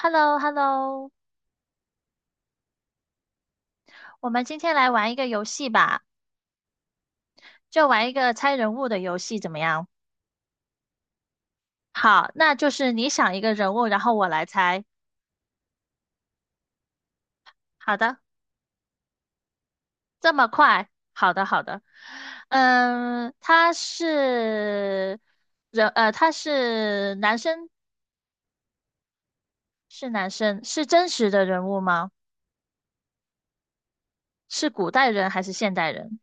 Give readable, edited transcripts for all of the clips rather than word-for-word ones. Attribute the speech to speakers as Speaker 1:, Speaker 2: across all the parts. Speaker 1: h e l l o h e l l o 我们今天来玩一个游戏吧，就玩一个猜人物的游戏，怎么样？好，那就是你想一个人物，然后我来猜。好的。这么快？好的，好的。嗯，他是人，他是男生，是男生，是真实的人物吗？是古代人还是现代人？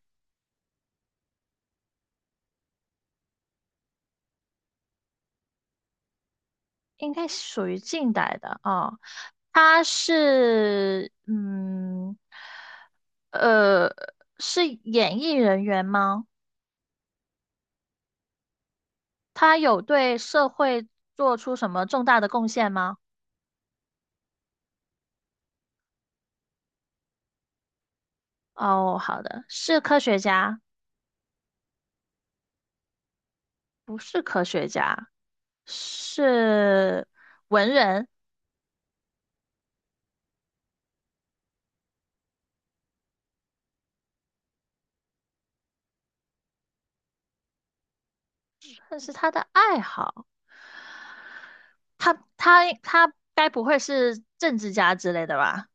Speaker 1: 应该属于近代的啊。哦，他是嗯，呃，是演艺人员吗？他有对社会做出什么重大的贡献吗？哦，好的，是科学家，不是科学家，是文人，但是他的爱好，他该不会是政治家之类的吧？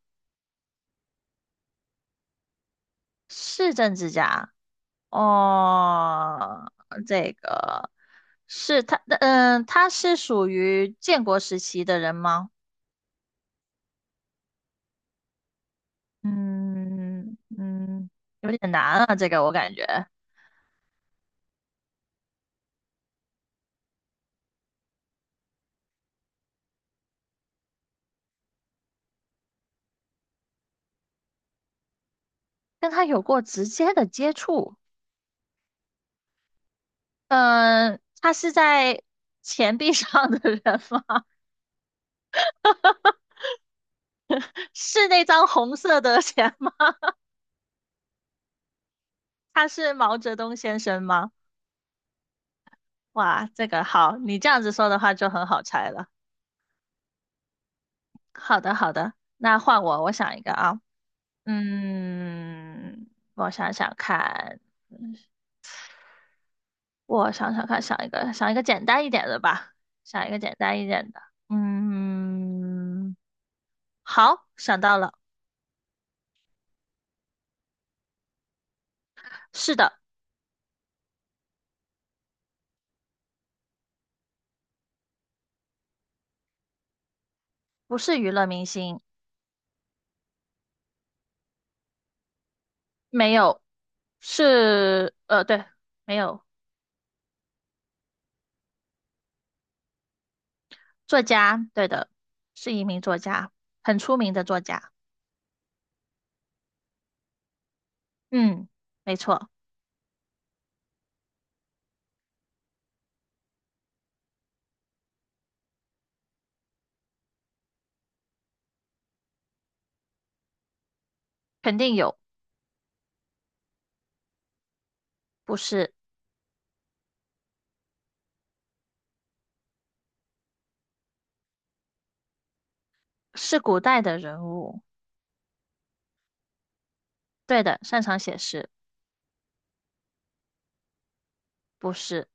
Speaker 1: 是政治家。哦，这个是他，嗯，他是属于建国时期的人吗？嗯嗯，有点难啊，这个我感觉跟他有过直接的接触。嗯，他是在钱币上的人吗？是那张红色的钱吗？他是毛泽东先生吗？哇，这个好，你这样子说的话就很好猜了。好的，好的，那换我，我想一个啊。嗯，我想想看，我想想看，想一个想一个简单一点的吧，想一个简单一点的。嗯，好，想到了。是的。不是娱乐明星。没有，是对，没有。作家，对的，是一名作家，很出名的作家。嗯，没错。肯定有。不是。是古代的人物。对的，擅长写诗。不是。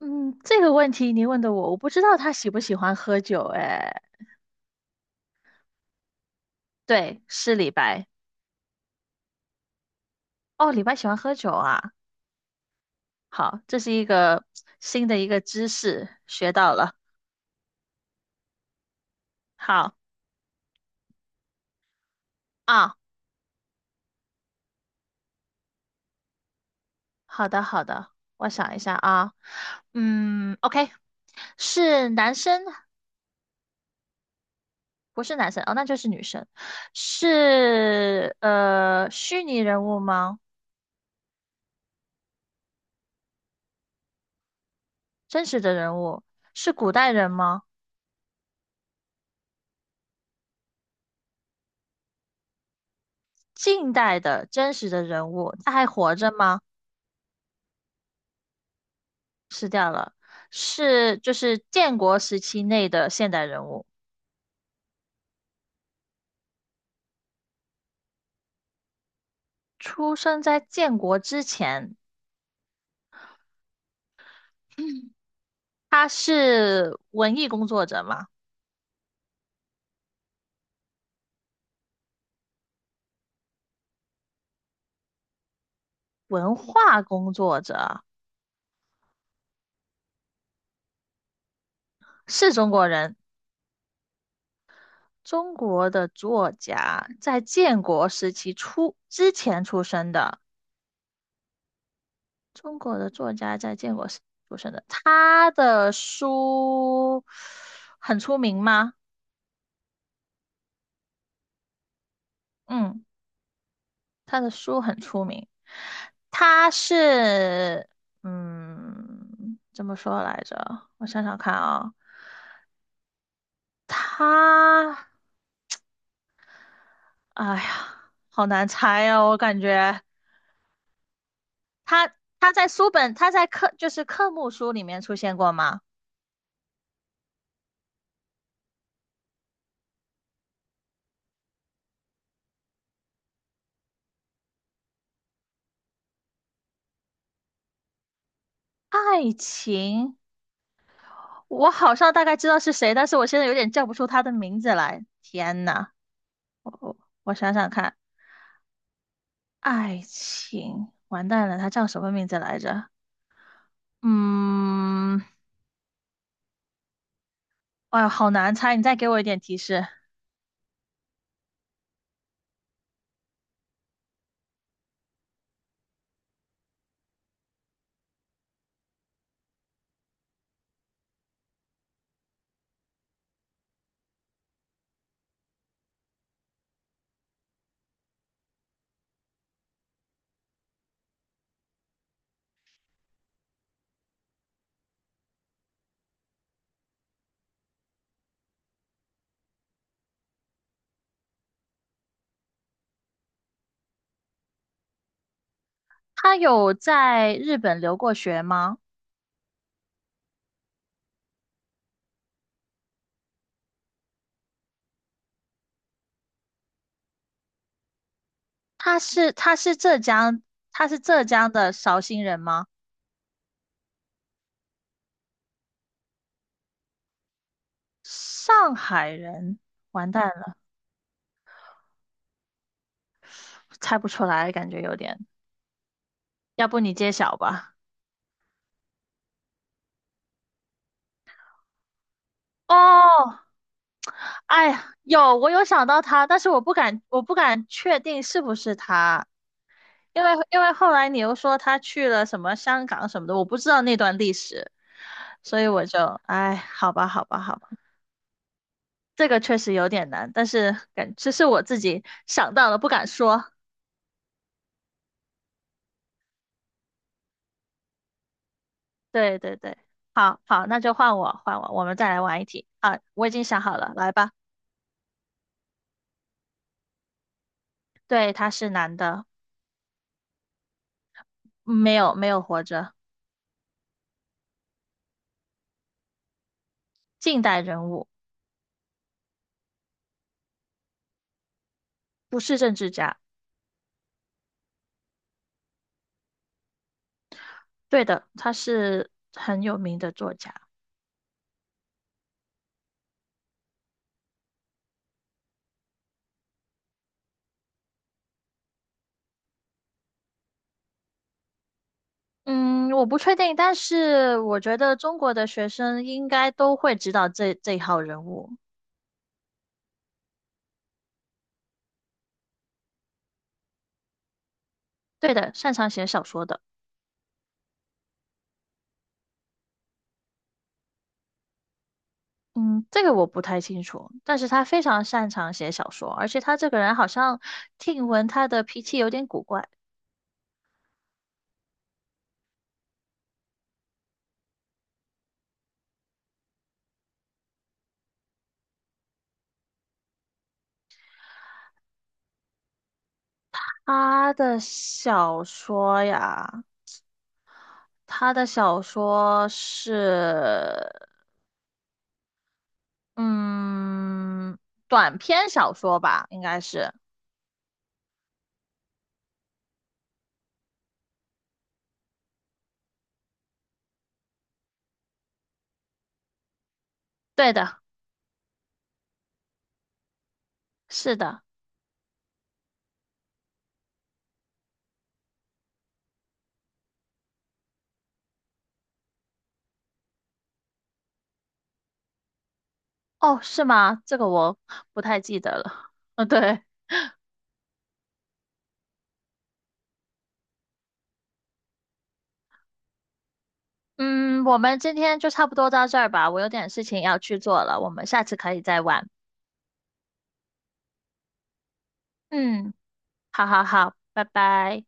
Speaker 1: 嗯，这个问题你问的我，我不知道他喜不喜欢喝酒。哎，对，是李白。哦，李白喜欢喝酒啊。好，这是一个新的一个知识，学到了。好啊，好的好的，我想一下啊。嗯，OK，是男生。不是男生哦，那就是女生。是虚拟人物吗？真实的人物？是古代人吗？近代的真实的人物，他还活着吗？失掉了。是就是建国时期内的现代人物，出生在建国之前，他是文艺工作者嘛，文化工作者，是中国人，中国的作家，在建国时期出之前出生的，中国的作家在建国时出生的，他的书很出名吗？嗯。他的书很出名，他是嗯，怎么说来着？我想想看啊，他，哎呀，好难猜哦，我感觉他他在书本，他在课就是科目书里面出现过吗？爱情，我好像大概知道是谁，但是我现在有点叫不出他的名字来。天呐，我想想看，爱情，完蛋了，他叫什么名字来着？嗯。哎呦好难猜，你再给我一点提示。他有在日本留过学吗？他是浙江，他是浙江的绍兴人吗？上海人，完蛋了，猜不出来，感觉有点。要不你揭晓吧？哦，哎呀，有，我有想到他，但是我不敢，我不敢确定是不是他，因为后来你又说他去了什么香港什么的，我不知道那段历史，所以我就，哎，好吧，好吧，好吧。这个确实有点难，但是感这是我自己想到了不敢说。对对对，好好，那就换我换我，我们再来玩一题啊！我已经想好了，来吧。对，他是男的。嗯没有没有活着。近代人物。不是政治家。对的，他是很有名的作家。嗯，我不确定，但是我觉得中国的学生应该都会知道这这一号人物。对的，擅长写小说的。嗯，这个我不太清楚，但是他非常擅长写小说，而且他这个人好像听闻他的脾气有点古怪。他的小说呀，他的小说是，嗯，短篇小说吧，应该是。对的，是的。哦，是吗？这个我不太记得了。嗯，对，嗯，我们今天就差不多到这儿吧，我有点事情要去做了，我们下次可以再玩。嗯。好好好，拜拜。